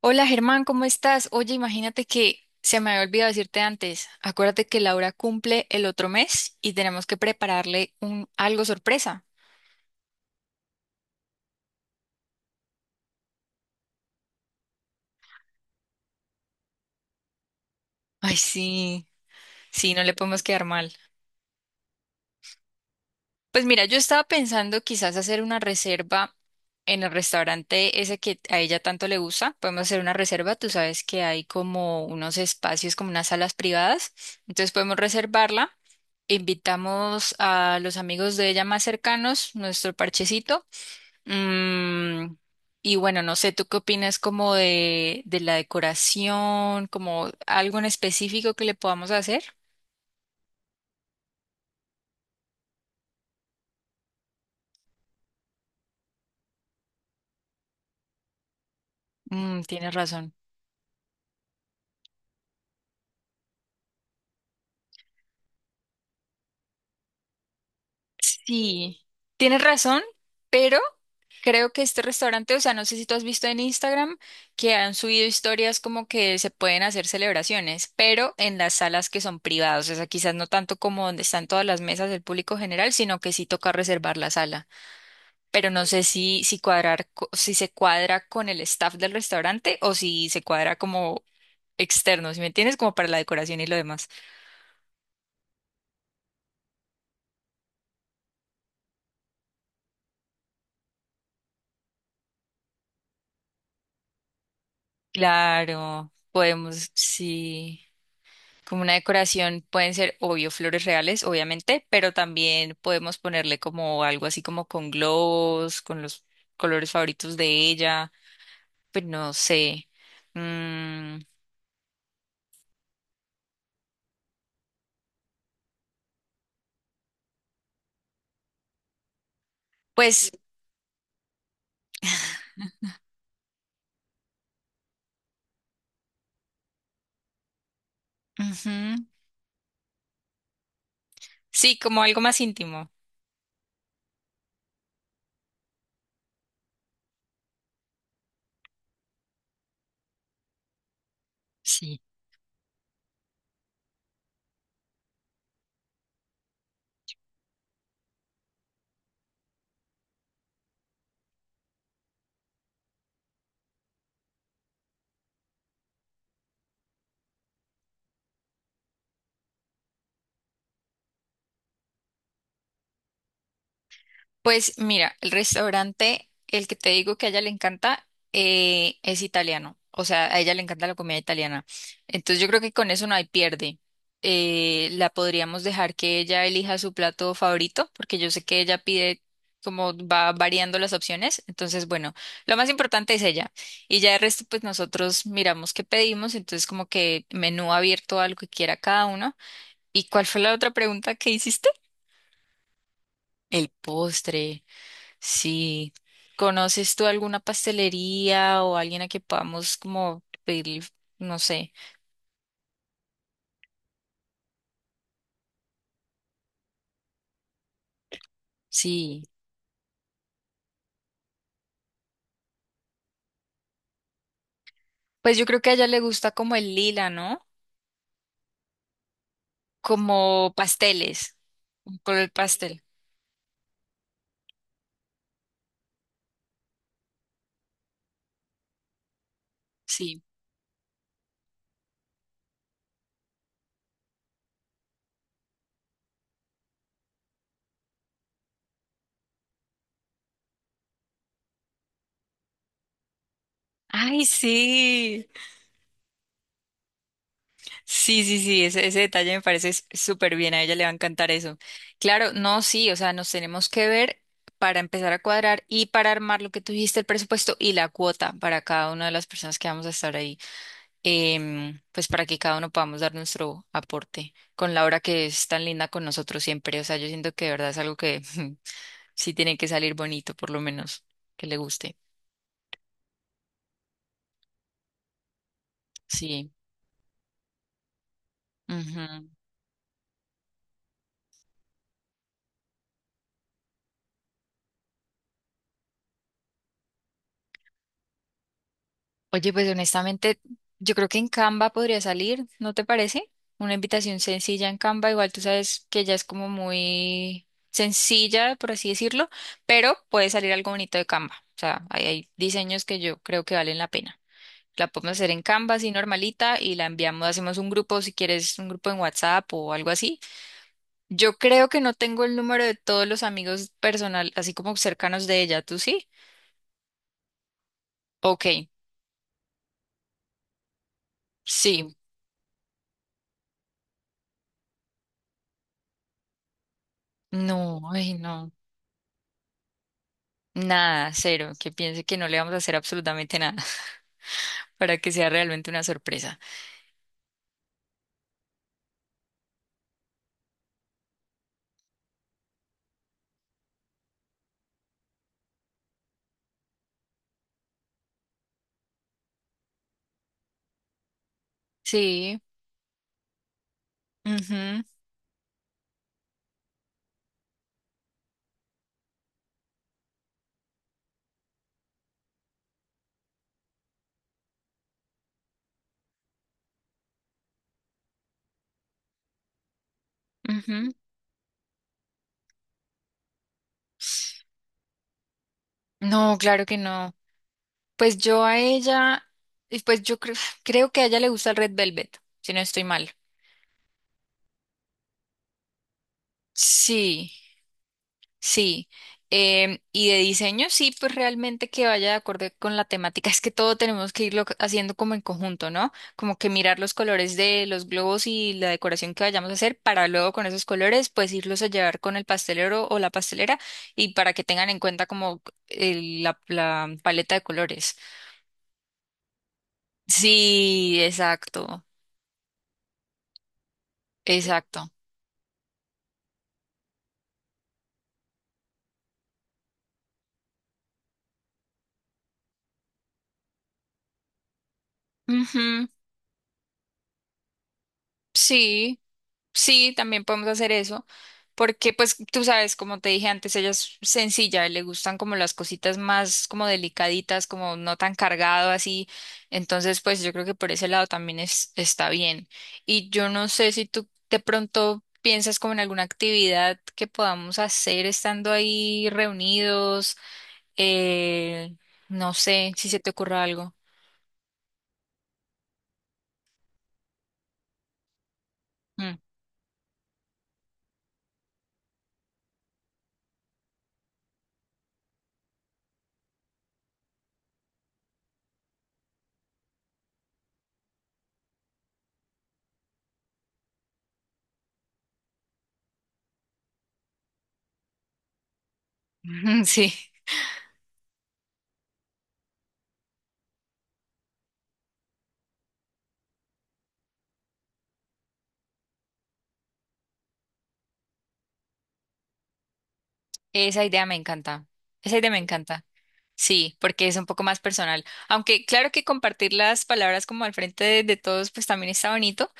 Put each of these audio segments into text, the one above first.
Hola Germán, ¿cómo estás? Oye, imagínate que se me había olvidado decirte antes. Acuérdate que Laura cumple el otro mes y tenemos que prepararle un algo sorpresa. Ay, sí, sí, no le podemos quedar mal. Pues mira, yo estaba pensando quizás hacer una reserva en el restaurante ese que a ella tanto le gusta. Podemos hacer una reserva, tú sabes que hay como unos espacios, como unas salas privadas. Entonces podemos reservarla. Invitamos a los amigos de ella más cercanos, nuestro parchecito. Mm, y bueno, no sé, ¿tú qué opinas como de la decoración, como algo en específico que le podamos hacer? Mm, tienes razón. Sí, tienes razón, pero creo que este restaurante, o sea, no sé si tú has visto en Instagram que han subido historias como que se pueden hacer celebraciones, pero en las salas que son privadas, o sea, quizás no tanto como donde están todas las mesas del público general, sino que sí toca reservar la sala. Pero no sé si cuadrar, si se cuadra con el staff del restaurante o si se cuadra como externo, ¿si me entiendes? Como para la decoración y lo demás. Claro, podemos, sí, como una decoración pueden ser, obvio, flores reales, obviamente, pero también podemos ponerle como algo así como con globos, con los colores favoritos de ella, pues no sé. Mm, pues, ujú, sí, como algo más íntimo. Sí. Pues mira, el restaurante, el que te digo que a ella le encanta, es italiano. O sea, a ella le encanta la comida italiana. Entonces yo creo que con eso no hay pierde. La podríamos dejar que ella elija su plato favorito, porque yo sé que ella pide como va variando las opciones. Entonces, bueno, lo más importante es ella. Y ya el resto, pues nosotros miramos qué pedimos. Entonces, como que menú abierto a lo que quiera cada uno. ¿Y cuál fue la otra pregunta que hiciste? El postre. Sí. ¿Conoces tú alguna pastelería o alguien a que podamos como pedir, no sé? Sí. Pues yo creo que a ella le gusta como el lila, ¿no? Como pasteles, un color pastel. Sí. Ay, sí. Sí, sí, sí, ese detalle me parece súper bien, a ella le va a encantar eso. Claro, no, sí, o sea, nos tenemos que ver para empezar a cuadrar y para armar lo que tuviste, el presupuesto y la cuota para cada una de las personas que vamos a estar ahí. Pues para que cada uno podamos dar nuestro aporte con Laura, que es tan linda con nosotros siempre. O sea, yo siento que de verdad es algo que sí tiene que salir bonito, por lo menos que le guste. Sí. Ujú. Oye, pues honestamente, yo creo que en Canva podría salir, ¿no te parece? Una invitación sencilla en Canva, igual tú sabes que ella es como muy sencilla, por así decirlo, pero puede salir algo bonito de Canva. O sea, ahí hay diseños que yo creo que valen la pena. La podemos hacer en Canva, así normalita, y la enviamos, hacemos un grupo, si quieres, un grupo en WhatsApp o algo así. Yo creo que no tengo el número de todos los amigos personal, así como cercanos de ella, ¿tú sí? Ok, sí. No, ay, no. Nada, cero, que piense que no le vamos a hacer absolutamente nada para que sea realmente una sorpresa. Sí. Mhm. Mhm. No, claro que no. Pues yo a ella, y pues yo creo, creo que a ella le gusta el Red Velvet, si no estoy mal. Sí. Sí, y de diseño sí, pues realmente que vaya de acuerdo con la temática. Es que todo tenemos que irlo haciendo como en conjunto, ¿no? Como que mirar los colores de los globos y la decoración que vayamos a hacer para luego con esos colores pues irlos a llevar con el pastelero o la pastelera y para que tengan en cuenta como la paleta de colores. Sí, exacto, exacto. Ujú. Sí. Sí, también podemos hacer eso, porque pues tú sabes, como te dije antes, ella es sencilla, le gustan como las cositas más como delicaditas, como no tan cargado así, entonces pues yo creo que por ese lado también es, está bien. Y yo no sé si tú de pronto piensas como en alguna actividad que podamos hacer estando ahí reunidos, eh, no sé si se te ocurre algo. Mm. Sí, esa idea me encanta, esa idea me encanta. Sí, porque es un poco más personal. Aunque claro que compartir las palabras como al frente de todos, pues también está bonito,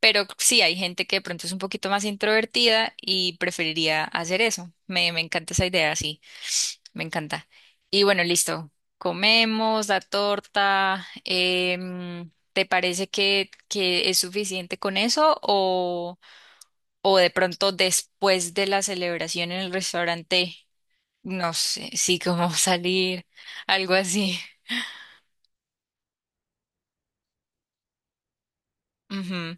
pero sí hay gente que de pronto es un poquito más introvertida y preferiría hacer eso. Me encanta esa idea, sí, me encanta. Y bueno, listo. Comemos la torta. ¿Te parece que es suficiente con eso o de pronto después de la celebración en el restaurante? No sé, sí, cómo salir, algo así. Ujú,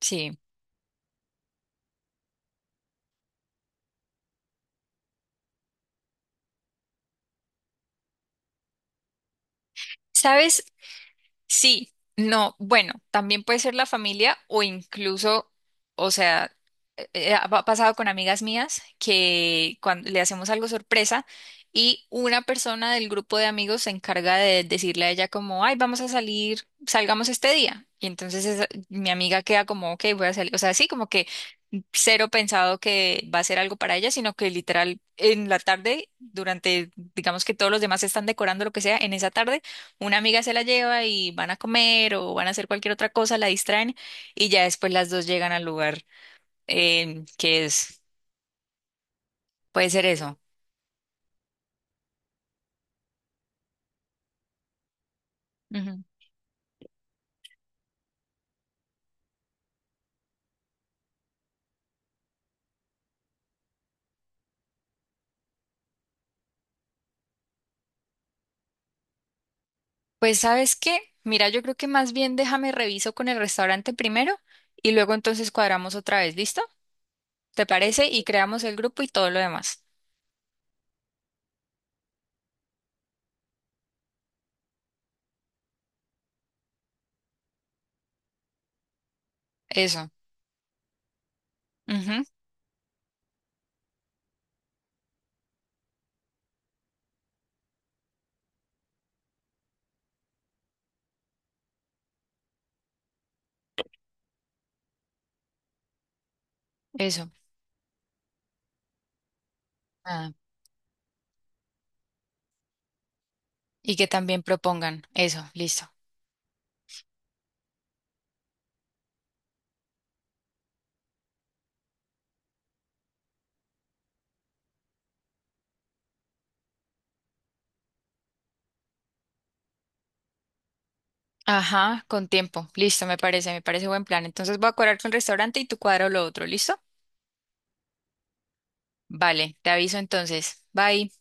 sí. ¿Sabes? Sí, no, bueno, también puede ser la familia o incluso, o sea, ha pasado con amigas mías que cuando le hacemos algo sorpresa y una persona del grupo de amigos se encarga de decirle a ella como, ay, vamos a salir, salgamos este día. Y entonces mi amiga queda como, ok, voy a salir. O sea, sí, como que cero pensado que va a ser algo para ella, sino que literal en la tarde, durante, digamos que todos los demás están decorando lo que sea, en esa tarde. Una amiga se la lleva y van a comer o van a hacer cualquier otra cosa, la distraen y ya después las dos llegan al lugar que es, puede ser eso. Ujú. Pues ¿sabes qué? Mira, yo creo que más bien déjame reviso con el restaurante primero y luego entonces cuadramos otra vez, ¿listo? ¿Te parece? Y creamos el grupo y todo lo demás. Eso. Ujú. Eso. Ah, y que también propongan. Eso, listo. Ajá, con tiempo. Listo, me parece buen plan. Entonces voy a cuadrar con el restaurante y tú cuadro lo otro, ¿listo? Vale, te aviso entonces. Bye.